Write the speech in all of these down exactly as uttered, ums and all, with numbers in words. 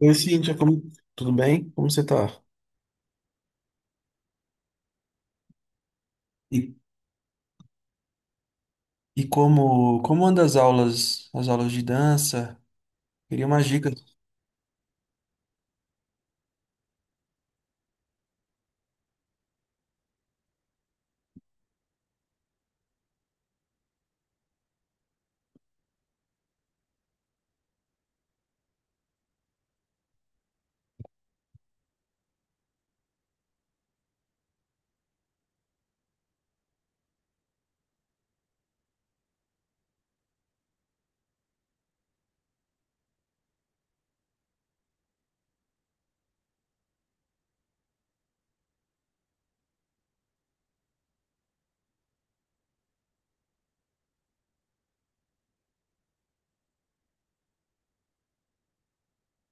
Oi, Cíntia, como... tudo bem? Como você tá? E, e como, como andam as aulas, as aulas de dança? Queria umas dicas.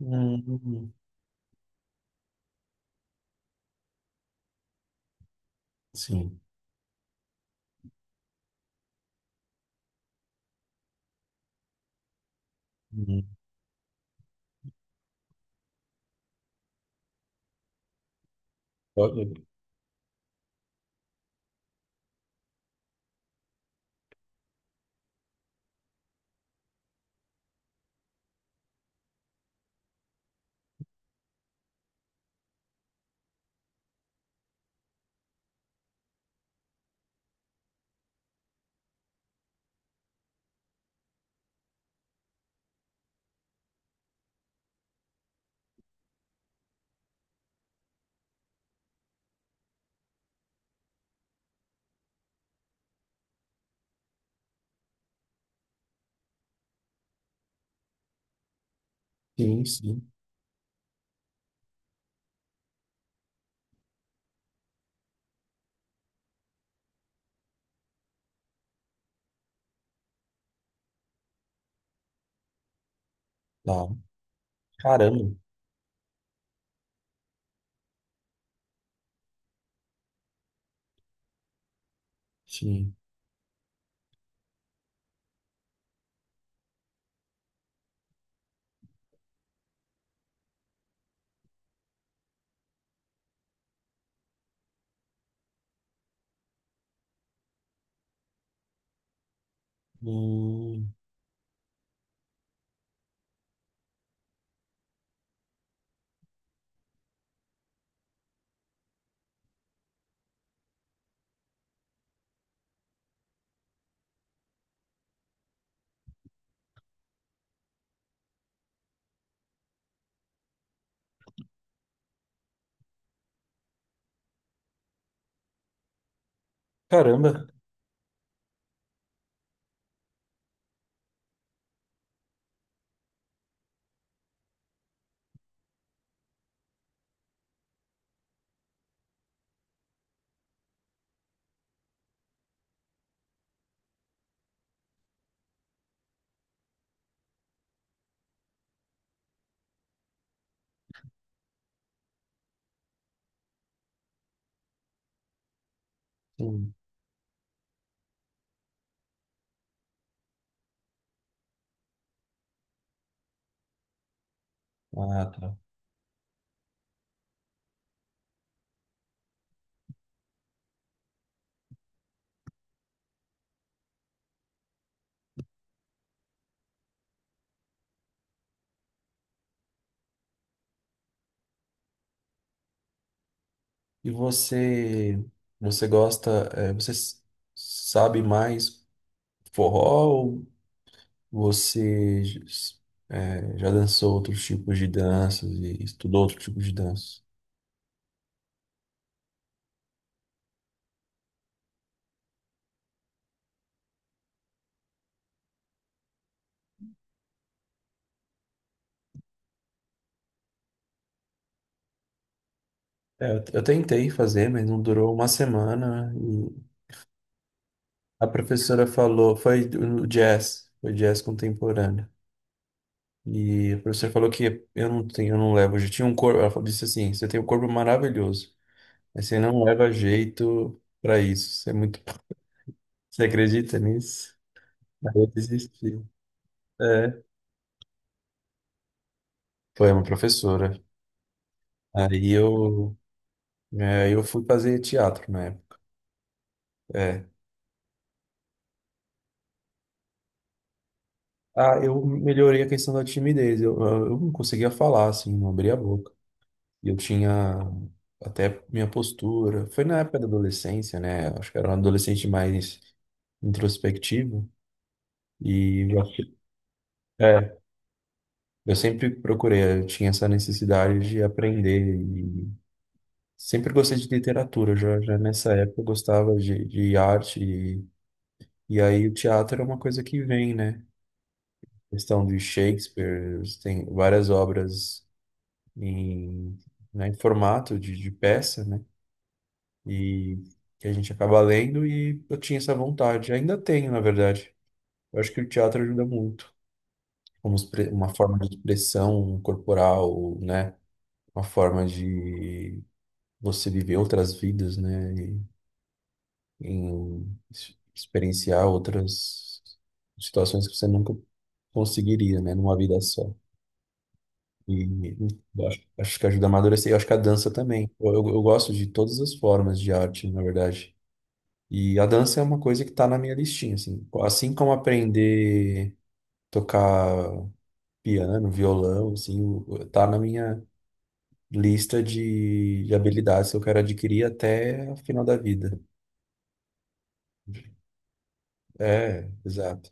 Hum, hum, sim. Hum. Olha, sim, sim. Tá. Caramba. Sim. Hum, caramba. Sim. Ah, tá. E você, você gosta, eh, você s- sabe mais forró ou você eh, já dançou outros tipos de danças e estudou outros tipos de danças? É, eu, eu tentei fazer, mas não durou uma semana. E a professora falou, foi no jazz, foi jazz contemporâneo. E a professora falou que eu não tenho, eu não levo, eu tinha um corpo, ela falou- disse assim, você tem um corpo maravilhoso, mas você não leva jeito pra isso. Você é muito, você acredita nisso? Aí eu desisti. É, foi uma professora. Aí eu, é, eu fui fazer teatro na época. É. Ah, eu melhorei a questão da timidez. Eu, eu eu não conseguia falar, assim, não abria a boca. E eu tinha até minha postura. Foi na época da adolescência, né? Acho que era um adolescente mais introspectivo. E eu, acho que- é, eu sempre procurei, eu tinha essa necessidade de aprender. E sempre gostei de literatura, já, já nessa época eu gostava de, de arte. E, e aí o teatro é uma coisa que vem, né? Questão de Shakespeare, tem várias obras em, né, em formato de, de peça, né? E que a gente acaba lendo e eu tinha essa vontade, ainda tenho, na verdade. Eu acho que o teatro ajuda muito, como expre- uma forma de expressão corporal, né? Uma forma de você viver outras vidas, né? E, em ex- experienciar outras situações que você nunca conseguiria, né? Numa vida só. E eu acho, acho que ajuda a amadurecer. Eu acho que a dança também. Eu, eu, eu gosto de todas as formas de arte, na verdade. E a dança é uma coisa que está na minha listinha, assim. Assim como aprender a tocar piano, violão, assim, o- tá na minha lista de, de habilidades que eu quero adquirir até o final da vida. É, exato.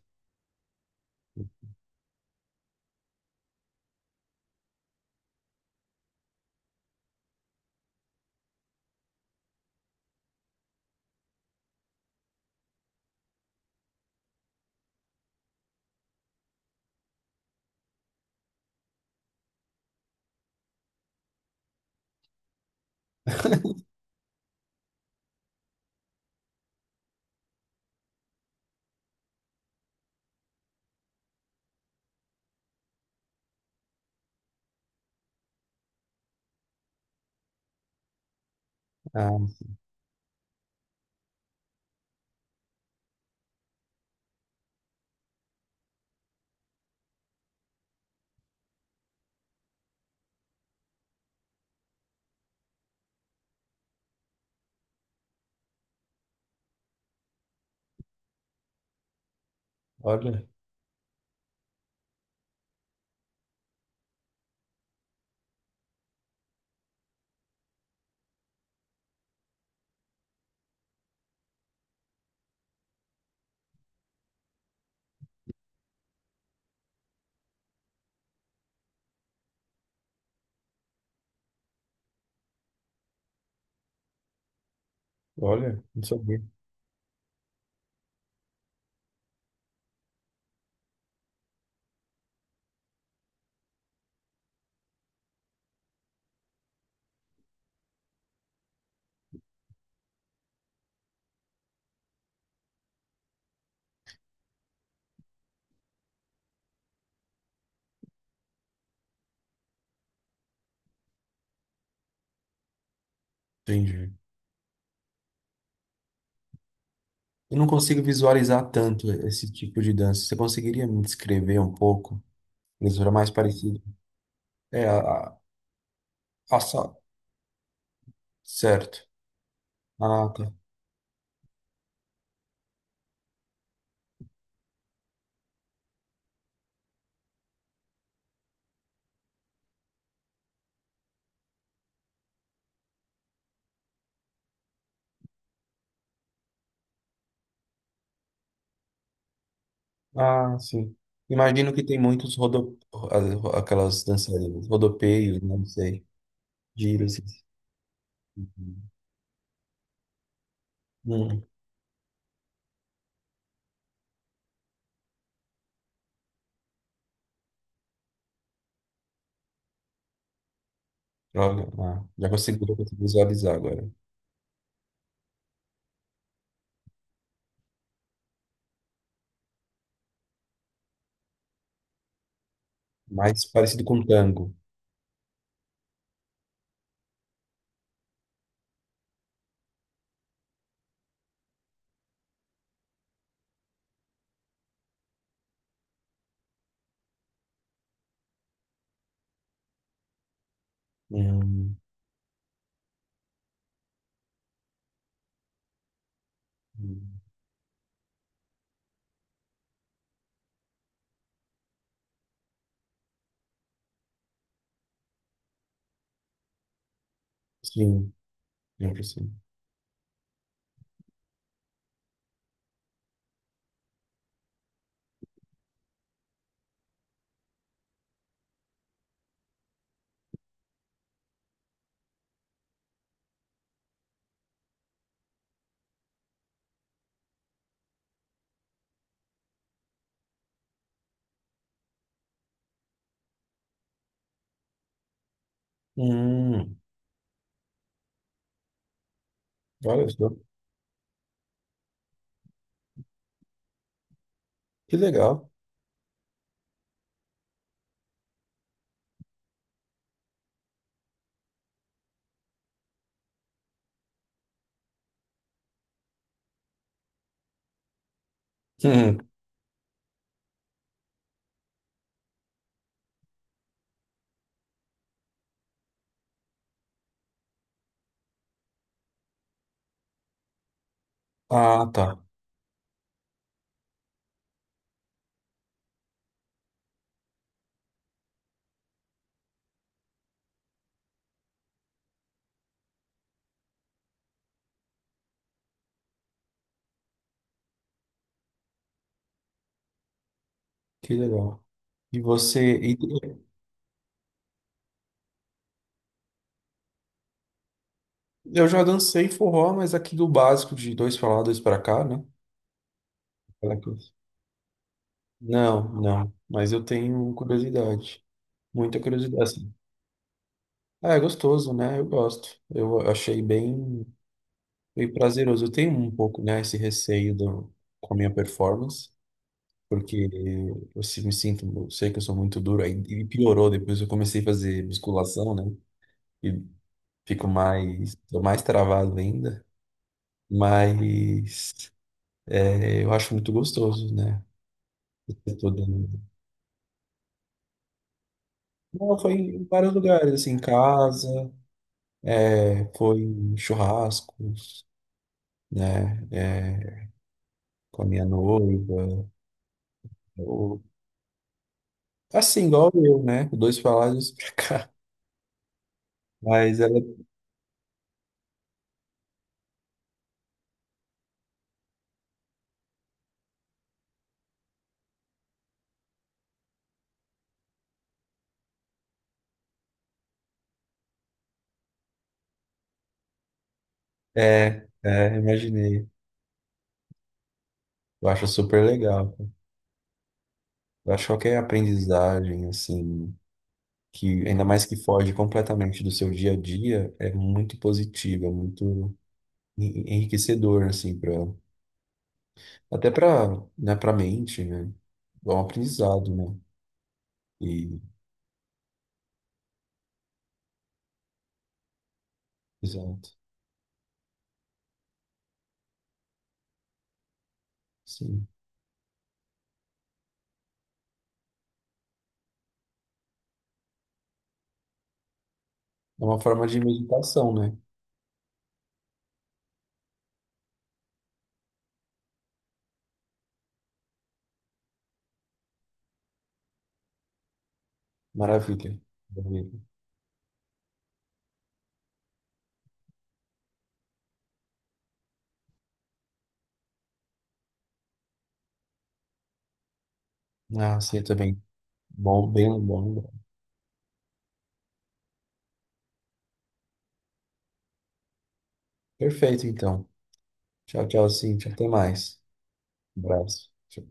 Ah, olha, olha, não sabia. Entendi. Eu não consigo visualizar tanto esse tipo de dança. Você conseguiria me descrever um pouco? Eles eram mais parecidos. É, a, a, a só. Certo. Ah, tá. Ah, sim. Imagino que tem muitos rodo... as- aquelas dançarinas, rodopeios, né, não sei, giros. E- Hum, olha, ah, já consigo, já consigo visualizar agora. Mais parecido com tango. Hum, hum, sim, lembro sim. Hum, olha só, que legal. Hum, ah, tá, que legal. E você, e- eu já dancei forró, mas aqui do básico de dois pra lá, dois pra cá, né? Não, não. Mas eu tenho curiosidade. Muita curiosidade, assim. Ah, é gostoso, né? Eu gosto. Eu achei bem, bem prazeroso. Eu tenho um pouco, né, esse receio do, com a minha performance, porque eu se- me sinto, eu sei que eu sou muito duro. aí- E piorou depois eu comecei a fazer musculação, né? E fico mais, tô mais travado ainda. Mas é, eu acho muito gostoso, né? Eu tô dando. Não, foi em vários lugares, assim, em casa. Foi em churrascos, né? É, com a minha noiva. Eu, assim, igual eu, né? Dois pra lá e dois pra cá. Mas ela é, é, imaginei. Eu acho super legal. Eu acho qualquer aprendizagem, assim, que ainda mais que foge completamente do seu dia a dia, é muito positiva, é muito en- enriquecedor, assim, pra, até pra, né, pra mente, né? É um aprendizado, né? E, exato. Sim. É uma forma de meditação, né? Maravilha. Maravilha. Ah, sim, eu também. Bom, bem bom. Perfeito, então. Tchau, tchau, Cintia. Até mais. Um abraço. Tchau.